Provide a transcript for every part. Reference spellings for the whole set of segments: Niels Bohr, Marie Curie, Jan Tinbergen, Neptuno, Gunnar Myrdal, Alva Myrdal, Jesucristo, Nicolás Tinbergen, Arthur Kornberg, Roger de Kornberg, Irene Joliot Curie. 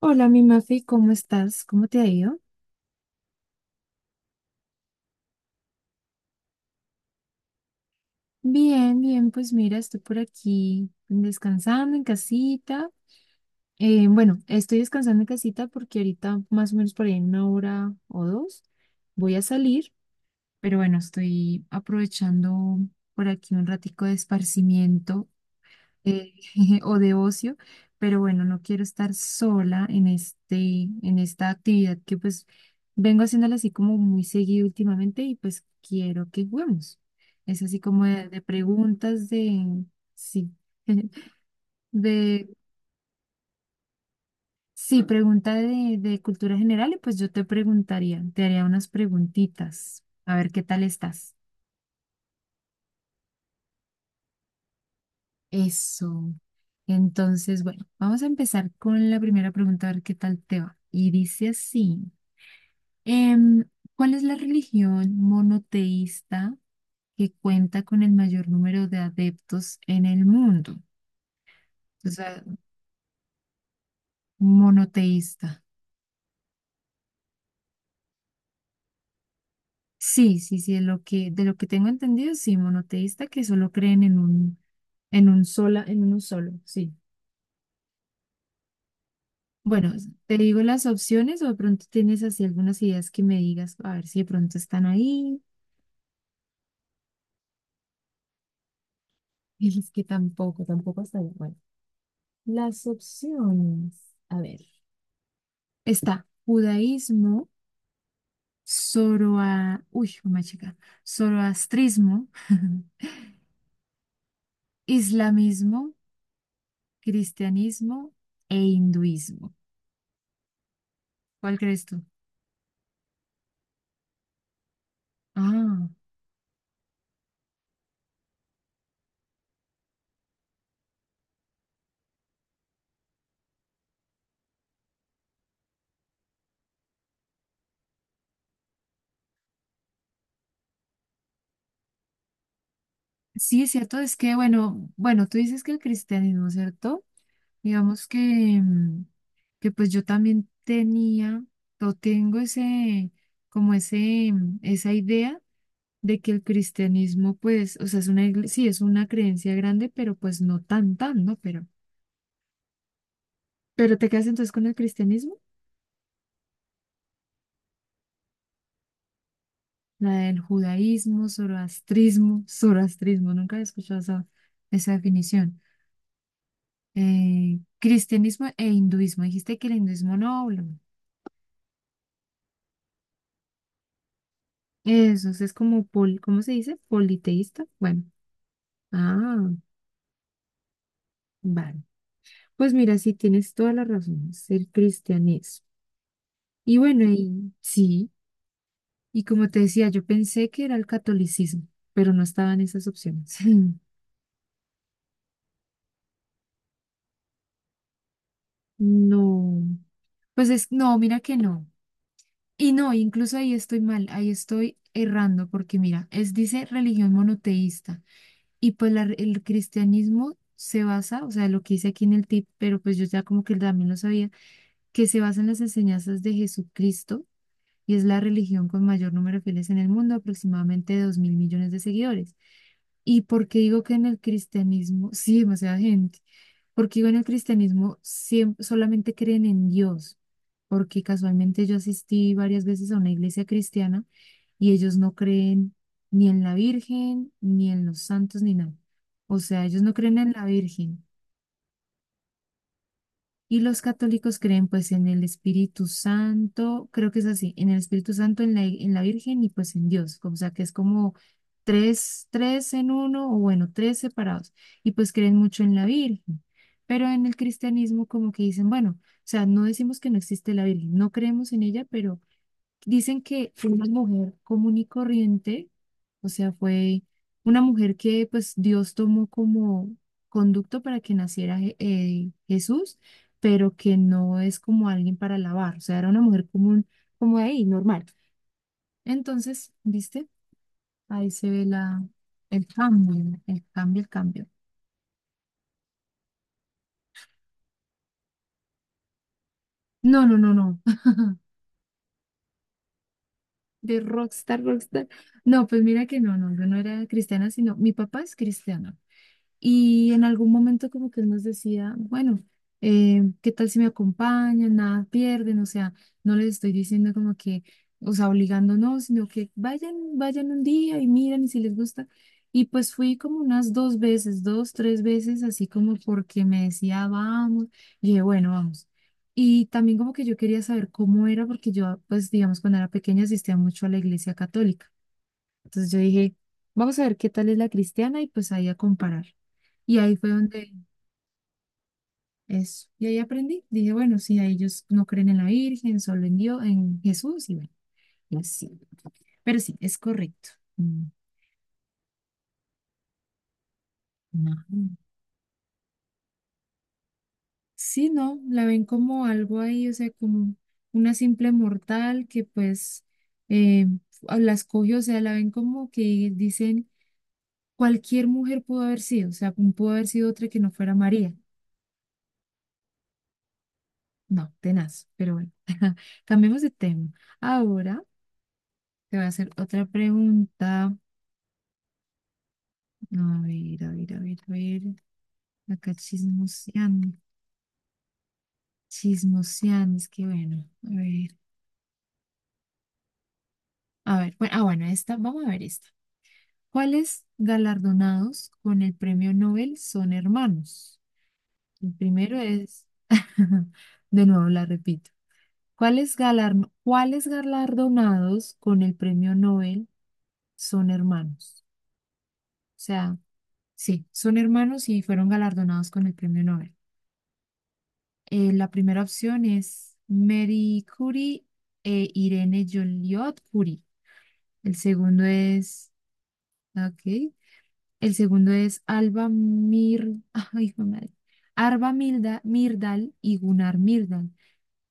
Hola, mi Mafi, ¿cómo estás? ¿Cómo te ha ido? Bien, bien, pues mira, estoy por aquí descansando en casita. Bueno, estoy descansando en casita porque ahorita más o menos por ahí en una hora o dos voy a salir, pero bueno, estoy aprovechando por aquí un ratico de esparcimiento eh, o de ocio, pero bueno, no quiero estar sola en esta actividad que pues vengo haciéndola así como muy seguido últimamente y pues quiero que juguemos. Es así como de preguntas de, sí, de, sí, pregunta de cultura general y pues yo te preguntaría, te haría unas preguntitas, a ver qué tal estás. Eso. Entonces, bueno, vamos a empezar con la primera pregunta, a ver qué tal te va. Y dice así. Em, ¿Cuál es la religión monoteísta que cuenta con el mayor número de adeptos en el mundo? O sea, monoteísta. Sí, sí, sí, de lo que tengo entendido, sí, monoteísta que solo creen en un sola, en uno solo, sí. Bueno, te digo las opciones o de pronto tienes así algunas ideas que me digas, a ver si de pronto están ahí. Y es que tampoco está ahí. Bueno, las opciones, a ver, está judaísmo. Uy, una chica, zoroastrismo, islamismo, cristianismo e hinduismo. ¿Cuál crees tú? Ah, sí, es cierto, es que bueno, bueno, tú dices que el cristianismo, ¿cierto? Digamos que, mm, que pues yo también tenía o tengo ese, como ese, esa idea de que el cristianismo, pues, o sea, sí, es una creencia grande, pero pues no tan, tan, ¿no? Pero te quedas entonces con el cristianismo. La del judaísmo, zoroastrismo, nunca he escuchado esa definición. Cristianismo e hinduismo. Dijiste que el hinduismo no, bueno, eso es como, ¿cómo se dice? Politeísta. Bueno, ah, vale. Pues mira, sí, tienes toda la razón, es el cristianismo. Y bueno, y, sí, y como te decía, yo pensé que era el catolicismo, pero no estaban esas opciones. No, pues es, no, mira que no. Y no, incluso ahí estoy mal, ahí estoy errando, porque mira, es dice religión monoteísta, y pues el cristianismo se basa, o sea, lo que dice aquí en el tip, pero pues yo ya como que también lo sabía, que se basa en las enseñanzas de Jesucristo y es la religión con mayor número de fieles en el mundo, aproximadamente 2.000 millones de seguidores. ¿Y por qué digo que en el cristianismo sí demasiada gente? Porque en el cristianismo siempre, solamente creen en Dios, porque casualmente yo asistí varias veces a una iglesia cristiana y ellos no creen ni en la Virgen, ni en los santos, ni nada. O sea, ellos no creen en la Virgen, y los católicos creen pues en el Espíritu Santo, creo que es así, en el Espíritu Santo, en la Virgen y pues en Dios, o sea que es como tres, tres en uno o bueno, tres separados. Y pues creen mucho en la Virgen, pero en el cristianismo como que dicen, bueno, o sea, no decimos que no existe la Virgen, no creemos en ella, pero dicen que fue una mujer común y corriente, o sea, fue una mujer que pues Dios tomó como conducto para que naciera Jesús, pero que no es como alguien para alabar, o sea, era una mujer común como de ahí, normal. Entonces, ¿viste? Ahí se ve la, el cambio, el cambio, el cambio. No, no, no, no, de rockstar, rockstar. No, pues mira que no, no, yo no era cristiana, sino mi papá es cristiano. Y en algún momento como que él nos decía, bueno, ¿qué tal si me acompañan? Nada pierden, o sea, no les estoy diciendo como que, o sea, obligando no, sino que vayan, vayan un día y miran y si les gusta. Y pues fui como unas dos veces, dos, tres veces, así como porque me decía, vamos, y dije, bueno, vamos. Y también como que yo quería saber cómo era, porque yo, pues digamos, cuando era pequeña asistía mucho a la iglesia católica. Entonces yo dije, vamos a ver qué tal es la cristiana y pues ahí a comparar. Y ahí fue donde eso. Y ahí aprendí. Dije, bueno, sí, a ellos no creen en la Virgen, solo en Dios, en Jesús y bueno, y así. Pero sí, es correcto. Mm. No. Sí, no, la ven como algo ahí, o sea, como una simple mortal que pues eh, la escogió, o sea, la ven como que dicen, cualquier mujer pudo haber sido, o sea, pudo haber sido otra que no fuera María. No, tenaz, pero bueno. Cambiemos de tema. Ahora te voy a hacer otra pregunta. A ver, a ver, a ver, a ver. Acá chismoseando. Chismoseando, es que bueno. A ver. A ver, bueno, ah, bueno, esta, vamos a ver esta. ¿Cuáles galardonados con el premio Nobel son hermanos? El primero es, de nuevo la repito. ¿Cuáles galar- ¿Cuáles galardonados con el premio Nobel son hermanos? O sea, sí, son hermanos y fueron galardonados con el premio Nobel. La primera opción es Marie Curie e Irene Joliot Curie. El segundo es, ok, el segundo es Alba Mir, ay, hijo de madre, Arva Milda, Myrdal y Gunnar Myrdal.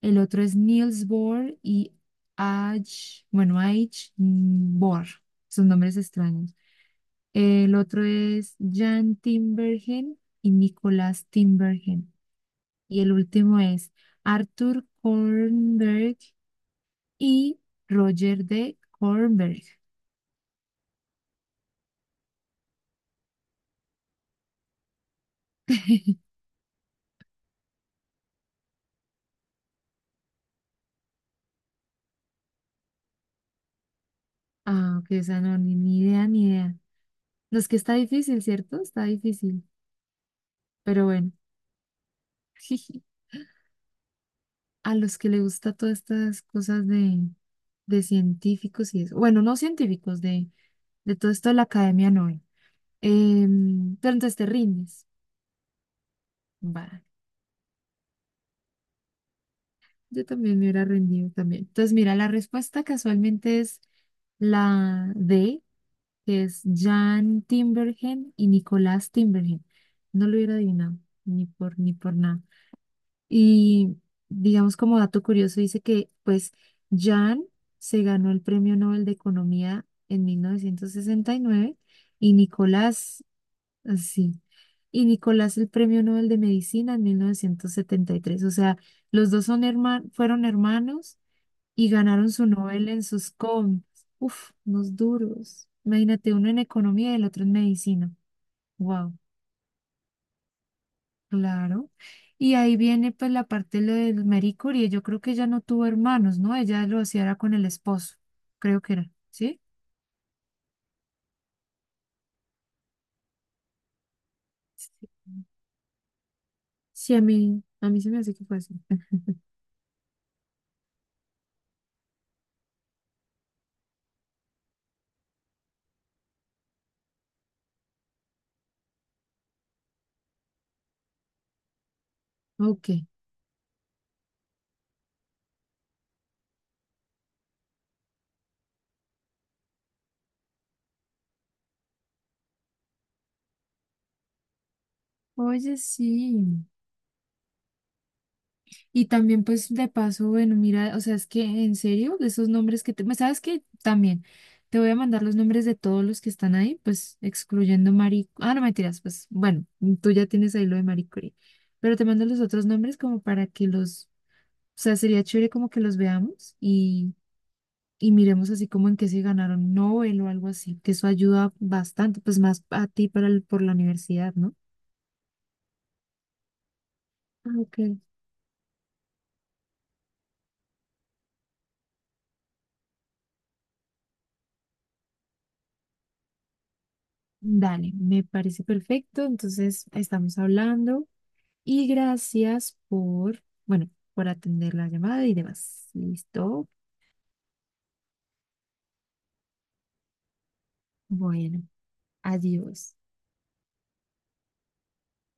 El otro es Niels Bohr y H, bueno, H. Bohr. Son nombres extraños. El otro es Jan Timbergen y Nicolás Timbergen. Y el último es Arthur Kornberg y Roger de Kornberg. Ah, ok, o sea, no, ni idea, ni idea. No, es que está difícil, ¿cierto? Está difícil. Pero bueno, a los que les gusta todas estas cosas de científicos y eso. Bueno, no científicos, de todo esto de la academia Nobel. Pero entonces te rindes. Va. Yo también me hubiera rendido también. Entonces, mira, la respuesta casualmente es la D, que es Jan Timbergen y Nicolás Timbergen. No lo hubiera adivinado, ni por, ni por nada. Y digamos como dato curioso, dice que pues Jan se ganó el Premio Nobel de Economía en 1969 y Nicolás sí. Y Nicolás el Premio Nobel de Medicina en 1973. O sea, los dos son fueron hermanos y ganaron su Nobel en sus combos. Uf, unos duros. Imagínate, uno en economía y el otro en medicina. Wow, claro. Y ahí viene pues la parte de lo del Marie Curie. Yo creo que ella no tuvo hermanos, ¿no? Ella lo hacía era con el esposo, creo que era, ¿sí? Sí, a mí se me hace que fue así. Ok. Oye, sí. Y también, pues, de paso, bueno, mira, o sea, es que en serio, de esos nombres que te... ¿me ¿Sabes qué? También te voy a mandar los nombres de todos los que están ahí, pues, excluyendo Marie... Ah, no, mentiras, pues, bueno, tú ya tienes ahí lo de Marie Curie. Pero te mando los otros nombres como para que los... O sea, sería chévere como que los veamos y miremos así como en qué se ganaron un Nobel o algo así, que eso ayuda bastante, pues, más a ti para por la universidad, ¿no? Ah, ok. Dale, me parece perfecto. Entonces, estamos hablando. Y gracias por, bueno, por atender la llamada y demás. ¿Listo? Bueno, adiós.